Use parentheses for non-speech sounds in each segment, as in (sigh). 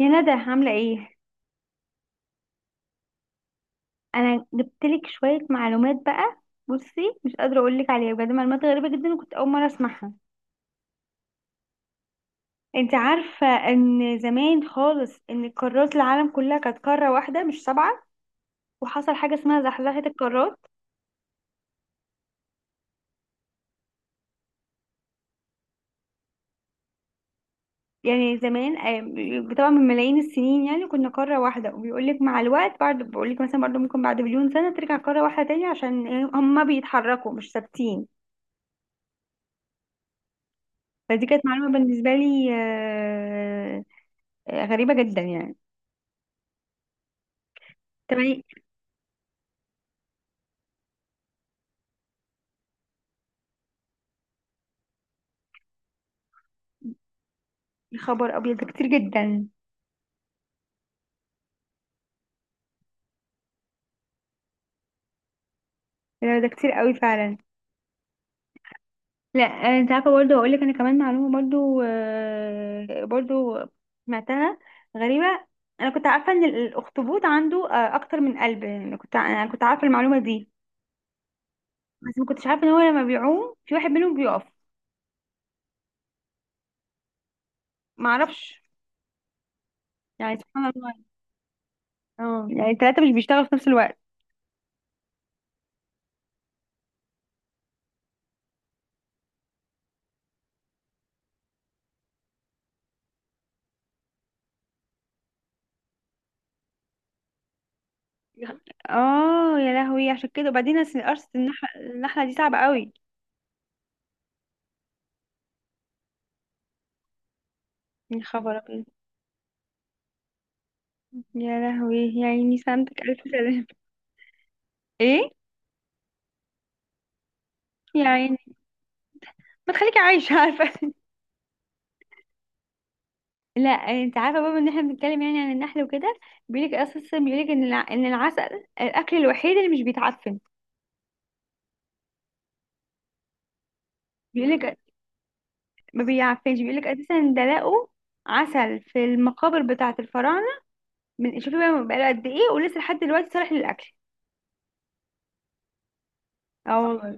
يا ندى، عاملة ايه؟ انا جبتلك شوية معلومات بقى. بصي، مش قادرة اقولك عليها، بجد معلومات غريبة جدا وكنت اول مرة اسمعها. انت عارفة ان زمان خالص ان قارات العالم كلها كانت قارة واحدة مش سبعة، وحصل حاجة اسمها زحزحة القارات. يعني زمان طبعا من ملايين السنين، يعني كنا قارة واحدة وبيقولك مع الوقت بعد بقولك مثلا برضه ممكن بعد مليون سنة ترجع قارة واحدة تاني. عشان إيه؟ هما بيتحركوا، مش ثابتين. فدي كانت معلومة بالنسبة لي. غريبة جدا يعني. تمانية. يا خبر ابيض، ده كتير جدا. لا، ده كتير قوي فعلا. لا. انت عارفه، برضه هقول لك انا كمان معلومه برضه، برضه سمعتها. غريبه. انا كنت عارفه ان الاخطبوط عنده اكتر من قلب، يعني أنا كنت عارفه المعلومه دي. بس ما كنتش عارفه ان هو لما بيعوم في واحد منهم بيقف. ما اعرفش، يعني سبحان الله. اه، يعني الثلاثه مش بيشتغلوا في نفس الوقت. اه يا لهوي، عشان كده. وبعدين أصل القرص النحله دي صعبه قوي. يا خبر ابيض. يا لهوي، يا عيني، سلامتك، ألف سلامة. ايه؟ يا عيني، ما تخليكي عايشة عارفة. لا، انت عارفه بابا، ان احنا بنتكلم يعني عن النحل وكده. بيقولك اساسا، بيقولك ان العسل الاكل الوحيد اللي مش بيتعفن. بيقولك ما بيعفنش، بيقولك اساسا ده لقوا عسل في المقابر بتاعه الفراعنه. من شوفي بقى بقاله قد ايه، ولسه لحد دلوقتي صالح للاكل. اه والله.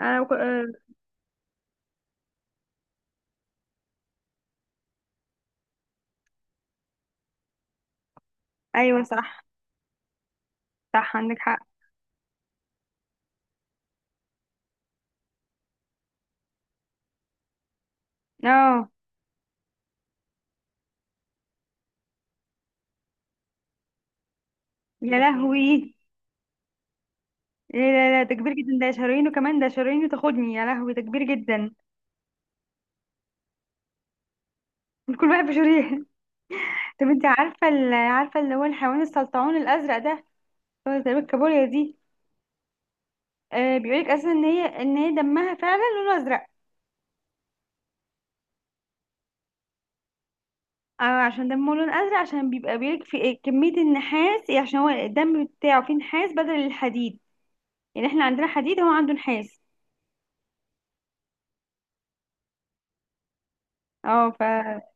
انا بك... آه، ايوه صح، صح عندك حق. اه يا لهوي! إيه؟ لا لا، ده كبير جدا. ده شهرين، وكمان ده شهرين وتاخدني. يا لهوي، ده كبير جدا. كل واحد بشهرين. (laughs) طب انت عارفه عارفه اللي هو الحيوان السلطعون الازرق ده؟ هو زي الكابوريا دي. بيقولك اصلا ان هي دمها فعلا لونه ازرق. عشان دمه لون ازرق، عشان بيبقى بيقولك في إيه كميه النحاس، يعني عشان هو الدم بتاعه فيه نحاس بدل الحديد. يعني احنا عندنا حديد، هو عنده نحاس. اه ف اه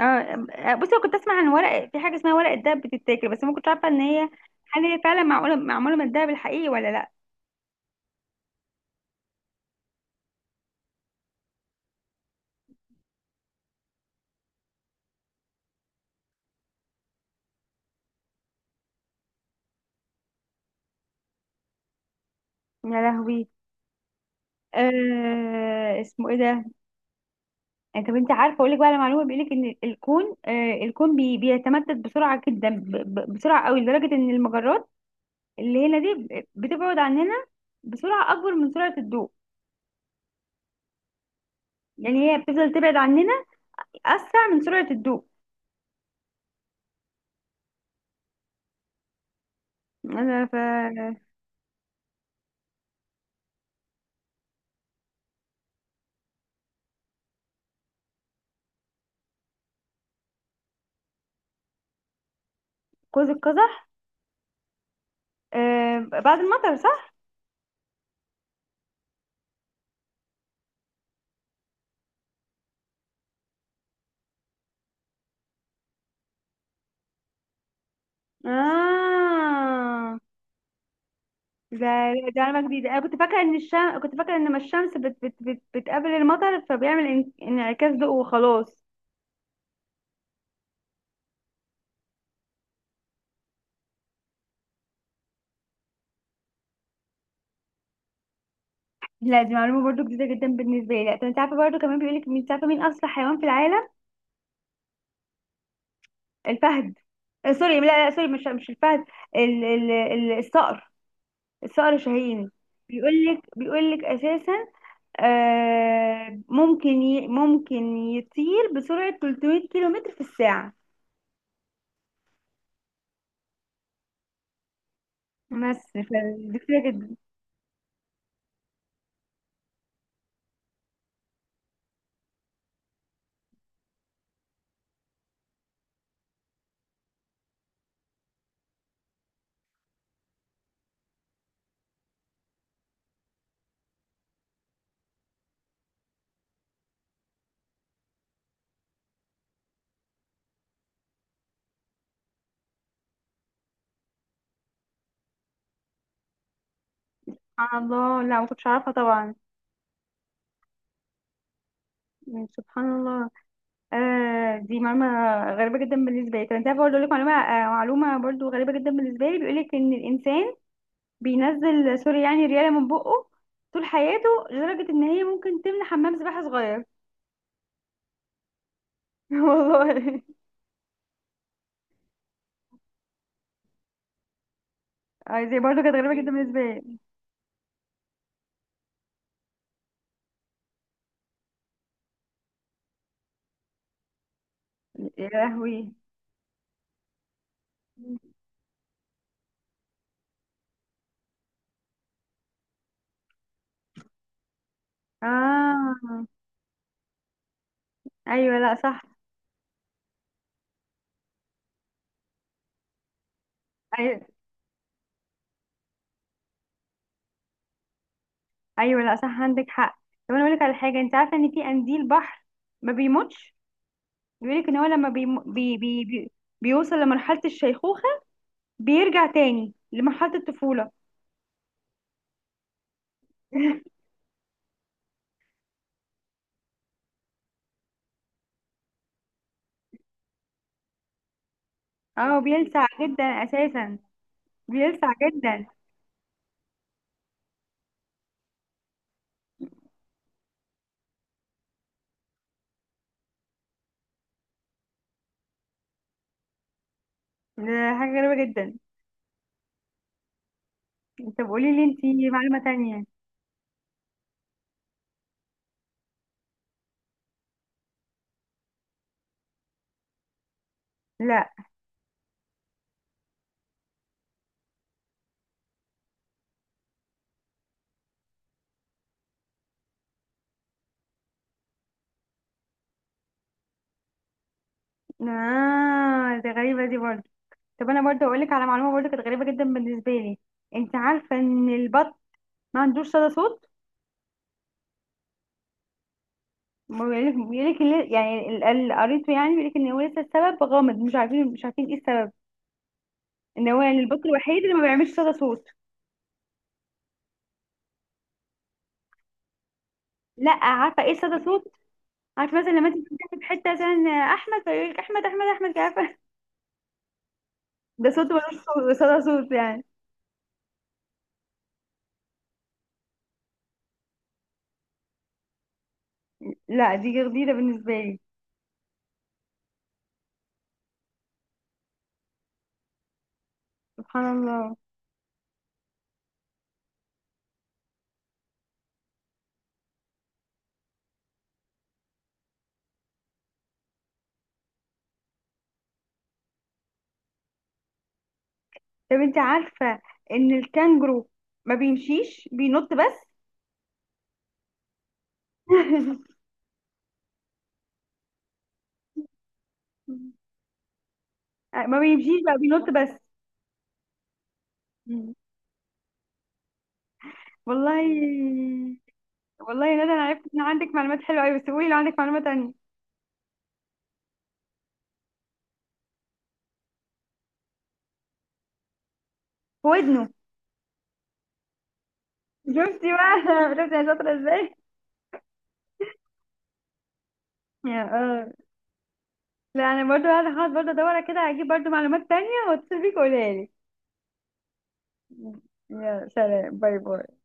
آه، بصي أنا كنت اسمع عن ورق، في حاجه اسمها ورق الدهب بتتاكل، بس ما كنتش عارفه ان هي، هل هي فعلا معقوله معموله من الدهب الحقيقي ولا لا؟ يا لهوي. اسمه ايه ده؟ يعني طب انت عارفه، اقول لك بقى على معلومه، بيقول لك ان الكون بيتمدد بسرعه جدا، ب ب بسرعه قوي، لدرجه ان المجرات اللي هنا دي بتبعد عننا بسرعه اكبر من سرعه الضوء. يعني هي بتفضل تبعد عننا اسرع من سرعه الضوء. انا ف قوس القزح؟ بعد المطر، صح. اه، ده معلومة جديدة. أنا كنت فاكرة إن ما الشمس بتقابل المطر، فبيعمل انعكاس ضوء وخلاص. لا، دي معلومة برضو جديدة جدا بالنسبة لي. لا. طب أنت عارفة برضو كمان؟ بيقولك، مين عارفة مين أسرع حيوان في العالم؟ الفهد. سوري، لا لا، سوري، مش الفهد. الصقر. الصقر الشاهين. بيقولك أساسا، ممكن يطير بسرعة 300 كيلو متر في الساعة. بس فدي كتيرة جدا. سبحان الله. لا، ما كنتش أعرفها طبعا. يعني سبحان الله. دي معلومة غريبة جدا بالنسبة لي. طب انت عارفة برضه، اقول لك معلومة برضه غريبة جدا بالنسبة لي. بيقول لك ان الانسان بينزل، سوري، يعني ريالة من بقه طول حياته، لدرجة ان هي ممكن تملى حمام سباحة صغير. (laughs) والله. دي برضه كانت غريبة جدا بالنسبة لي. يا لهوي. اه، ايوه. لا صح. ايوه. ايوه، لا، صح عندك حق. طب انا اقول لك على حاجة. انت عارفة ان في قنديل بحر ما بيموتش؟ بيقولك ان هو لما بي بي بي بي بيوصل لمرحلة الشيخوخة، بيرجع تاني لمرحلة الطفولة. (laughs) اه، بيلسع جدا اساسا، بيلسع جدا. ده حاجة غريبة جدا. طب قولي لي انتي معلومة تانية. لا. اه دي غريبة، دي برضه. طب انا برضه اقولك على معلومة برضه كانت غريبة جدا بالنسبة لي. انت عارفة ان البط ما عندوش صدى صوت؟ ما بيقولك يعني اللي قريته، يعني بيقولك ان هو لسه السبب غامض، مش عارفين ايه السبب. ان هو يعني البط الوحيد اللي ما بيعملش صدى صوت. لا، عارفه ايه صدى صوت؟ عارفه مثلا لما انت بتتكلمي في حته مثلا احمد، فيقول لك احمد احمد احمد، عارفه؟ (laughs) ده صوت ملوش صدى صوت يعني. لا دي جديده بالنسبه لي. سبحان الله. طب انت عارفه ان الكانجرو ما بيمشيش، بينط بس؟ (laughs) ما بيمشيش بقى، بينط بس. مم. والله. والله يا ندى، انا عرفت ان عندك معلومات حلوه قوي، بس قولي لو عندك معلومه تانية. في ودنه. شفتي بقى! (laughs) شفتي يا شاطره ازاي. يا لا انا برضو قاعده هقعد برضو ادور كده، هجيب برضو معلومات تانية واتصل بيك وقولها لي. يا سلام. باي باي.